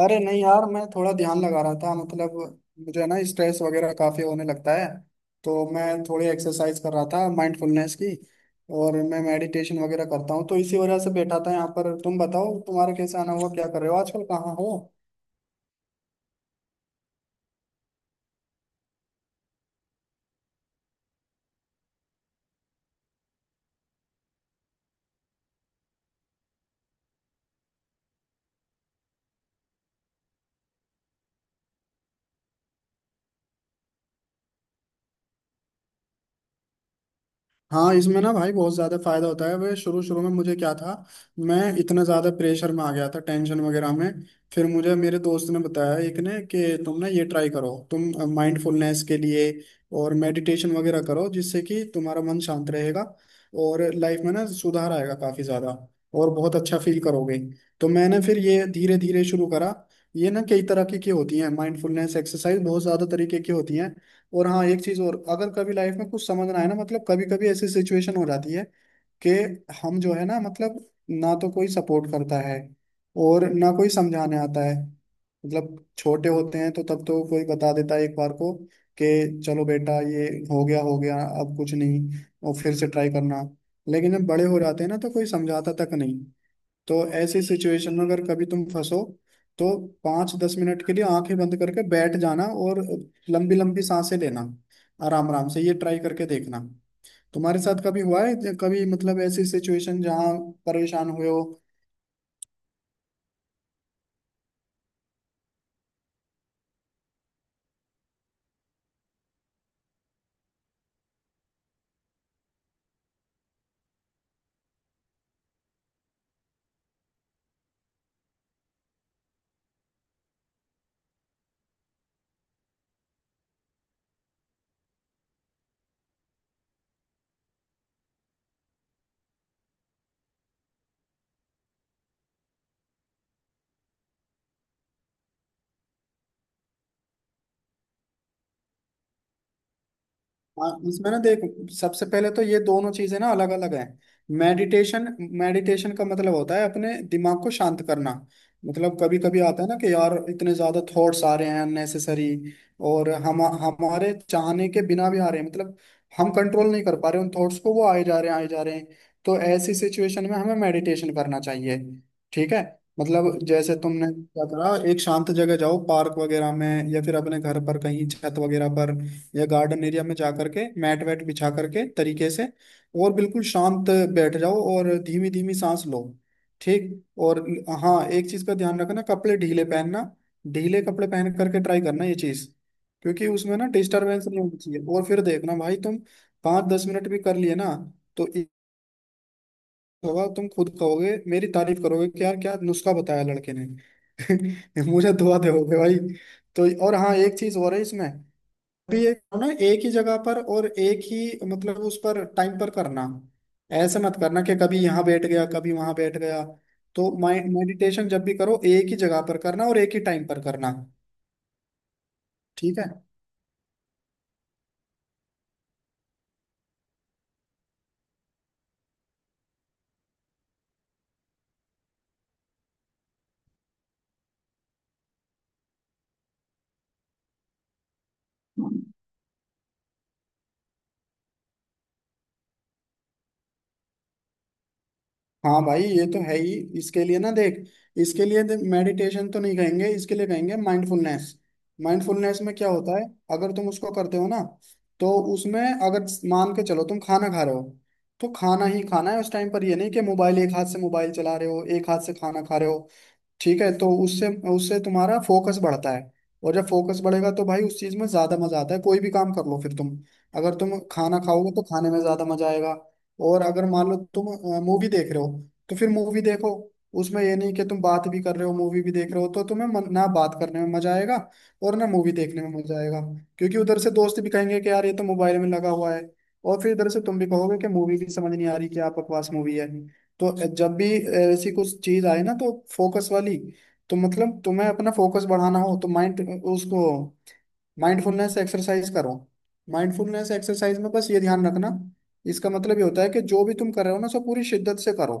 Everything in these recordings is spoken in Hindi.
अरे नहीं यार, मैं थोड़ा ध्यान लगा रहा था। मतलब मुझे है ना स्ट्रेस वगैरह काफी होने लगता है, तो मैं थोड़ी एक्सरसाइज कर रहा था माइंडफुलनेस की। और मैं मेडिटेशन वगैरह करता हूँ, तो इसी वजह से बैठा था यहाँ पर। तुम बताओ, तुम्हारा कैसा आना हुआ, क्या कर रहे हो आजकल, कहाँ हो। हाँ, इसमें ना भाई बहुत ज़्यादा फायदा होता है। वे शुरू शुरू में मुझे क्या था, मैं इतना ज़्यादा प्रेशर में आ गया था, टेंशन वगैरह में। फिर मुझे मेरे दोस्त ने बताया एक ने कि तुम ना ये ट्राई करो, तुम माइंडफुलनेस के लिए और मेडिटेशन वगैरह करो, जिससे कि तुम्हारा मन शांत रहेगा और लाइफ में ना सुधार आएगा काफ़ी ज़्यादा और बहुत अच्छा फील करोगे। तो मैंने फिर ये धीरे धीरे शुरू करा। ये ना कई तरह की होती हैं, माइंडफुलनेस एक्सरसाइज बहुत ज़्यादा तरीके की होती हैं। और हाँ, एक चीज और, अगर कभी लाइफ में कुछ समझ ना आए ना, मतलब कभी कभी ऐसी सिचुएशन हो जाती है कि हम जो है ना, मतलब ना तो कोई सपोर्ट करता है और ना कोई समझाने आता है। मतलब छोटे होते हैं तो तब तो कोई बता देता है एक बार को कि चलो बेटा, ये हो गया हो गया, अब कुछ नहीं, और फिर से ट्राई करना। लेकिन जब बड़े हो जाते हैं ना, तो कोई समझाता तक नहीं। तो ऐसी सिचुएशन में अगर कभी तुम फंसो, तो 5-10 मिनट के लिए आंखें बंद करके बैठ जाना और लंबी लंबी सांसें लेना, आराम आराम से ये ट्राई करके देखना। तुम्हारे साथ कभी हुआ है, कभी मतलब ऐसी सिचुएशन जहाँ परेशान हुए हो। हाँ, इसमें ना देख, सबसे पहले तो ये दोनों चीजें ना अलग अलग हैं। मेडिटेशन, मेडिटेशन का मतलब होता है अपने दिमाग को शांत करना। मतलब कभी कभी आता है ना कि यार इतने ज्यादा थॉट्स आ रहे हैं अननेसेसरी, और हम हमारे चाहने के बिना भी आ रहे हैं। मतलब हम कंट्रोल नहीं कर पा रहे उन थॉट्स को, वो आए जा रहे हैं आए जा रहे हैं। तो ऐसी सिचुएशन में हमें मेडिटेशन करना चाहिए। ठीक है। मतलब जैसे तुमने क्या करा, एक शांत जगह जाओ पार्क वगैरह में, या फिर अपने घर पर कहीं छत वगैरह पर, या गार्डन एरिया में जा करके, मैट वैट बिछा करके तरीके से, और बिल्कुल शांत बैठ जाओ और धीमी धीमी सांस लो। ठीक। और हाँ, एक चीज का ध्यान रखना, कपड़े ढीले पहनना। ढीले कपड़े पहन करके ट्राई करना ये चीज, क्योंकि उसमें ना डिस्टरबेंस नहीं होनी चाहिए। और फिर देखना भाई तुम 5-10 मिनट भी कर लिए ना, तो एक होगा, तुम खुद कहोगे, मेरी तारीफ करोगे कि यार क्या नुस्खा बताया लड़के ने। मुझे दुआ दोगे भाई। तो और हाँ, एक चीज और है इसमें भी, ये करो ना एक ही जगह पर और एक ही मतलब उस पर टाइम पर करना। ऐसे मत करना कि कभी यहाँ बैठ गया कभी वहां बैठ गया। तो मेडिटेशन जब भी करो एक ही जगह पर करना और एक ही टाइम पर करना। ठीक है। हाँ भाई, ये तो है ही। इसके लिए ना देख, इसके लिए मेडिटेशन तो नहीं कहेंगे, इसके लिए कहेंगे माइंडफुलनेस। माइंडफुलनेस में क्या होता है, अगर तुम उसको करते हो ना, तो उसमें अगर मान के चलो तुम खाना खा रहे हो, तो खाना ही खाना है उस टाइम पर। ये नहीं कि मोबाइल एक हाथ से मोबाइल चला रहे हो, एक हाथ से खाना खा रहे हो। ठीक है। तो उससे, उससे तुम्हारा फोकस बढ़ता है। और जब फोकस बढ़ेगा तो भाई उस चीज में ज्यादा मजा आता है। कोई भी काम कर लो फिर तुम, अगर तुम खाना खाओगे तो खाने में ज्यादा मजा आएगा। और अगर मान लो तुम मूवी देख रहे हो, तो फिर मूवी देखो। उसमें ये नहीं कि तुम बात भी कर रहे हो, मूवी भी देख रहे हो। तो तुम्हें मन, ना बात करने में मजा आएगा और ना मूवी देखने में मजा आएगा। क्योंकि उधर से दोस्त भी कहेंगे कि यार ये तो मोबाइल में लगा हुआ है, और फिर इधर से तुम भी कहोगे कि मूवी भी समझ नहीं आ रही, कि आप बकवास मूवी है। तो जब भी ऐसी कुछ चीज आए ना, तो फोकस वाली, तो मतलब तुम्हें अपना फोकस बढ़ाना हो तो माइंड, उसको माइंडफुलनेस एक्सरसाइज करो। माइंडफुलनेस एक्सरसाइज में बस ये ध्यान रखना, इसका मतलब ये होता है कि जो भी तुम कर रहे हो ना सब पूरी शिद्दत से करो।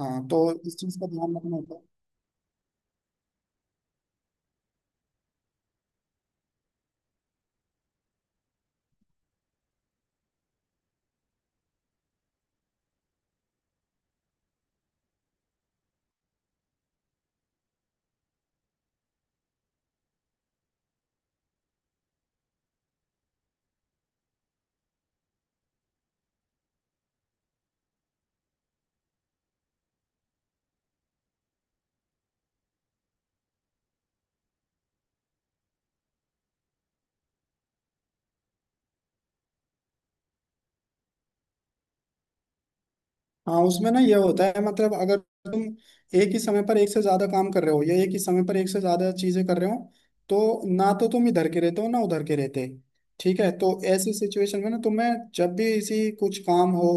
हाँ तो इस चीज का ध्यान रखना होता है। हाँ उसमें ना ये होता है, मतलब अगर तुम एक ही समय पर एक से ज्यादा काम कर रहे हो, या एक ही समय पर एक से ज्यादा चीजें कर रहे हो, तो ना तो तुम इधर के रहते हो ना उधर के रहते। ठीक है। तो ऐसी सिचुएशन में ना तुम्हें जब भी इसी कुछ काम हो,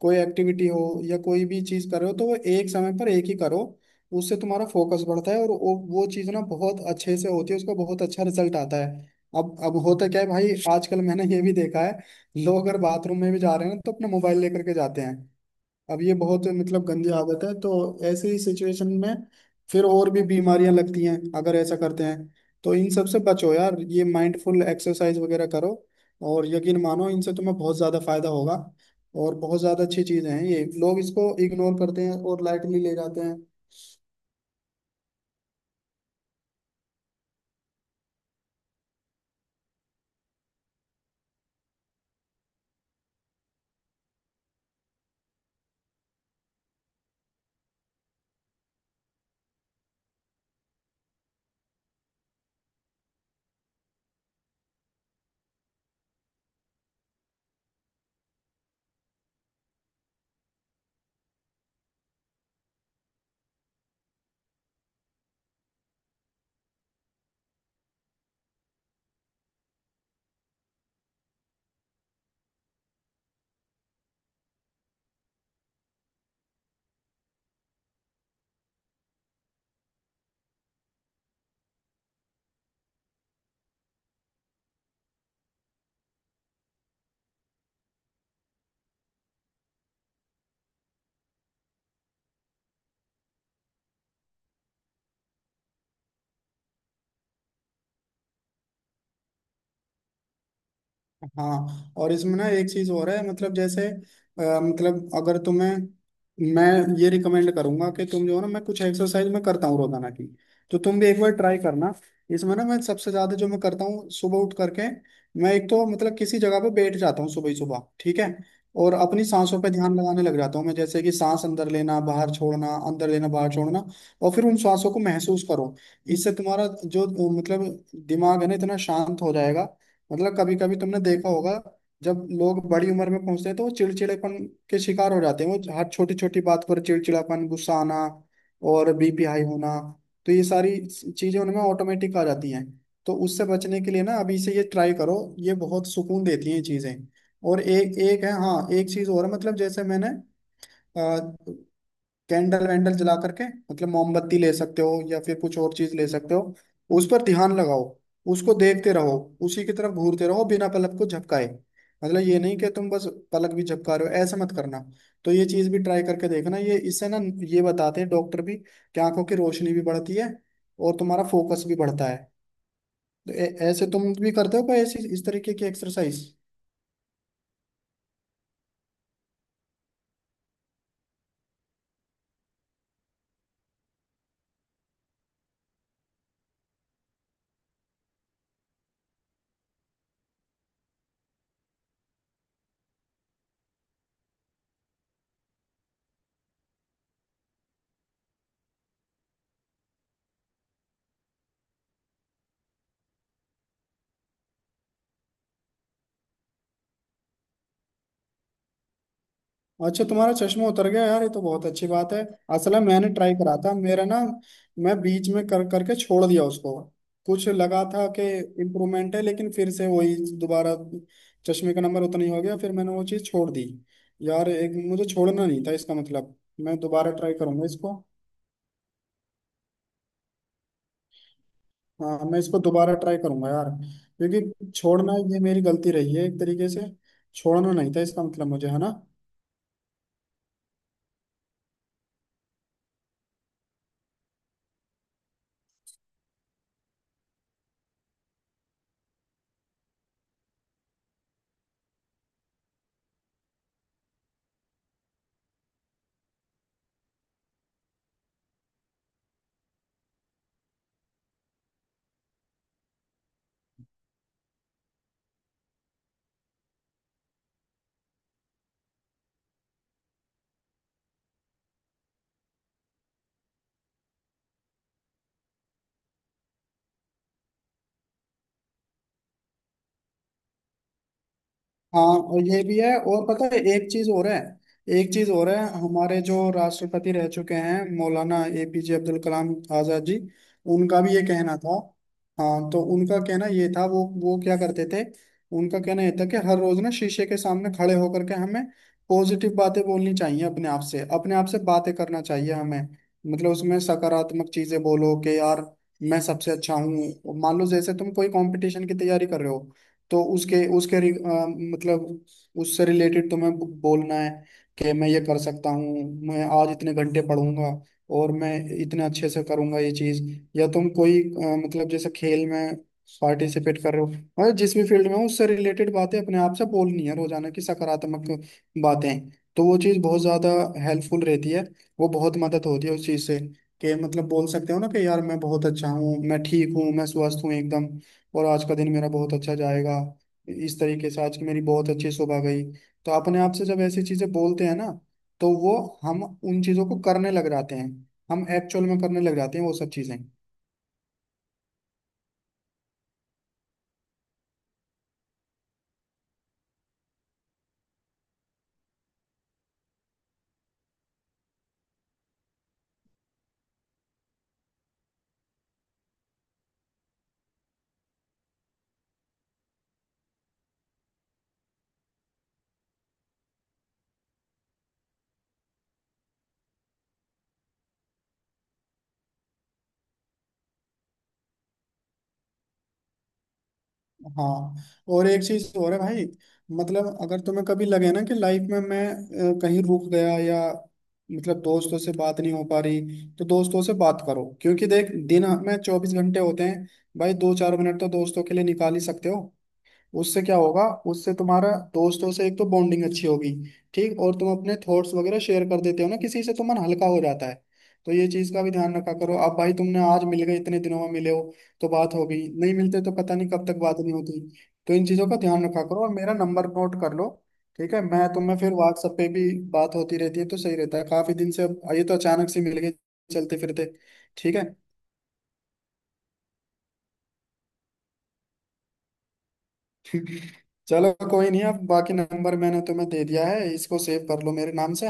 कोई एक्टिविटी हो या कोई भी चीज कर रहे हो, तो वो एक समय पर एक ही करो। उससे तुम्हारा फोकस बढ़ता है और वो चीज ना बहुत अच्छे से होती है, उसका बहुत अच्छा रिजल्ट आता है। अब होता क्या है भाई, आजकल मैंने ये भी देखा है, लोग अगर बाथरूम में भी जा रहे हैं ना, तो अपना मोबाइल लेकर के जाते हैं। अब ये बहुत मतलब गंदी आदत है। तो ऐसे ही सिचुएशन में फिर और भी बीमारियां लगती हैं अगर ऐसा करते हैं। तो इन सब से बचो यार, ये माइंडफुल एक्सरसाइज वगैरह करो। और यकीन मानो इनसे तुम्हें बहुत ज़्यादा फायदा होगा। और बहुत ज़्यादा अच्छी चीज़ें हैं ये, लोग इसको इग्नोर करते हैं और लाइटली ले जाते हैं। हाँ और इसमें ना एक चीज और है, मतलब जैसे मतलब अगर तुम्हें, मैं ये रिकमेंड करूंगा कि तुम जो है ना, मैं कुछ एक्सरसाइज मैं करता हूँ रोजाना की, तो तुम भी एक बार ट्राई करना। इसमें ना मैं सबसे ज्यादा जो मैं करता हूँ सुबह उठ करके, मैं एक तो मतलब किसी जगह पे बैठ जाता हूँ सुबह ही सुबह। ठीक है। और अपनी सांसों पे ध्यान लगाने लग जाता हूँ मैं, जैसे कि सांस अंदर लेना बाहर छोड़ना, अंदर लेना बाहर छोड़ना। और फिर उन सांसों को महसूस करो। इससे तुम्हारा जो मतलब दिमाग है ना, इतना शांत हो जाएगा। मतलब कभी कभी तुमने देखा होगा, जब लोग बड़ी उम्र में पहुंचते हैं तो वो चिड़चिड़ेपन के शिकार हो जाते हैं। वो हर छोटी छोटी बात पर चिड़चिड़ापन, गुस्सा आना और बीपी हाई होना, तो ये सारी चीजें उनमें ऑटोमेटिक आ जाती हैं। तो उससे बचने के लिए ना अभी से ये ट्राई करो, ये बहुत सुकून देती हैं ये चीजें। और एक एक है हाँ, एक चीज और है, मतलब जैसे मैंने कैंडल वैंडल जला करके, मतलब मोमबत्ती ले सकते हो या फिर कुछ और चीज ले सकते हो, उस पर ध्यान लगाओ, उसको देखते रहो, उसी की तरफ घूरते रहो बिना पलक को झपकाए। मतलब ये नहीं कि तुम बस पलक भी झपका रहे हो, ऐसा मत करना। तो ये चीज भी ट्राई करके देखना। ये इससे ना, ये बताते हैं डॉक्टर भी कि आंखों की रोशनी भी बढ़ती है और तुम्हारा फोकस भी बढ़ता है। तो ऐसे तुम भी करते हो कोई ऐसी इस तरीके की एक्सरसाइज? अच्छा, तुम्हारा चश्मा उतर गया यार, ये तो बहुत अच्छी बात है। असल में मैंने ट्राई करा था, मेरा ना मैं बीच में कर करके छोड़ दिया उसको। कुछ लगा था कि इम्प्रूवमेंट है, लेकिन फिर से वही दोबारा चश्मे का नंबर उतना ही हो गया, फिर मैंने वो चीज़ छोड़ दी। यार एक मुझे छोड़ना नहीं था, इसका मतलब मैं दोबारा ट्राई करूंगा इसको। हाँ मैं इसको दोबारा ट्राई करूंगा यार, क्योंकि छोड़ना ये मेरी गलती रही है एक तरीके से। छोड़ना नहीं था इसका मतलब मुझे है ना। हाँ और ये भी है, और पता है एक चीज और है, एक चीज और है, हमारे जो राष्ट्रपति रह चुके हैं, मौलाना एपीजे अब्दुल कलाम आजाद जी, उनका भी ये कहना था। हाँ तो उनका कहना ये था, वो क्या करते थे, उनका कहना ये था कि हर रोज ना शीशे के सामने खड़े होकर के हमें पॉजिटिव बातें बोलनी चाहिए, अपने आप से बातें करना चाहिए हमें। मतलब उसमें सकारात्मक चीजें बोलो कि यार मैं सबसे अच्छा हूँ। मान लो जैसे तुम कोई कंपटीशन की तैयारी कर रहे हो, तो उसके उसके रि- अ, मतलब उससे रिलेटेड तुम्हें बोलना है कि मैं ये कर सकता हूँ, मैं आज इतने घंटे पढ़ूंगा और मैं इतने अच्छे से करूंगा ये चीज। या तुम कोई मतलब जैसे खेल में पार्टिसिपेट कर रहे हो, मतलब जिस भी फील्ड में हो उससे रिलेटेड बातें अपने आप से बोलनी है रोजाना की, सकारात्मक बातें। तो वो चीज़ बहुत ज्यादा हेल्पफुल रहती है, वो बहुत मदद होती है उस चीज से। कि मतलब बोल सकते हो ना कि यार मैं बहुत अच्छा हूँ, मैं ठीक हूँ, मैं स्वस्थ हूँ एकदम, और आज का दिन मेरा बहुत अच्छा जाएगा। इस तरीके से, आज की मेरी बहुत अच्छी सुबह गई। तो अपने आप से जब ऐसी चीजें बोलते हैं ना, तो वो, हम उन चीजों को करने लग जाते हैं, हम एक्चुअल में करने लग जाते हैं वो सब चीजें। हाँ और एक चीज और है भाई, मतलब अगर तुम्हें कभी लगे ना कि लाइफ में मैं कहीं रुक गया, या मतलब दोस्तों से बात नहीं हो पा रही, तो दोस्तों से बात करो। क्योंकि देख दिन में 24 घंटे होते हैं भाई, 2-4 मिनट तो दोस्तों के लिए निकाल ही सकते हो। उससे क्या होगा, उससे तुम्हारा दोस्तों से एक तो बॉन्डिंग अच्छी होगी। ठीक। और तुम अपने थॉट्स वगैरह शेयर कर देते हो ना किसी से, तो मन हल्का हो जाता है। तो ये चीज का भी ध्यान रखा करो। अब भाई तुमने आज मिल गए, इतने दिनों में मिले हो, तो बात हो गई, नहीं मिलते तो पता नहीं कब तक बात नहीं होती। तो इन चीजों का ध्यान रखा करो, और मेरा नंबर नोट कर लो। ठीक है, मैं तुम्हें फिर व्हाट्सएप पे भी बात होती रहती है तो सही रहता है, काफी दिन से अब ये तो अचानक से मिल गए चलते फिरते। ठीक है, चलो कोई नहीं, अब बाकी नंबर मैंने तुम्हें दे दिया है, इसको सेव कर लो मेरे नाम से।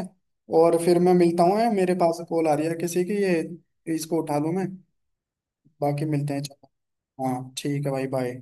और फिर मैं मिलता हूँ यार, मेरे पास कॉल आ रही है किसी की, ये इसको उठा लूँ मैं। बाकी मिलते हैं, चलो। हाँ ठीक है भाई, बाय।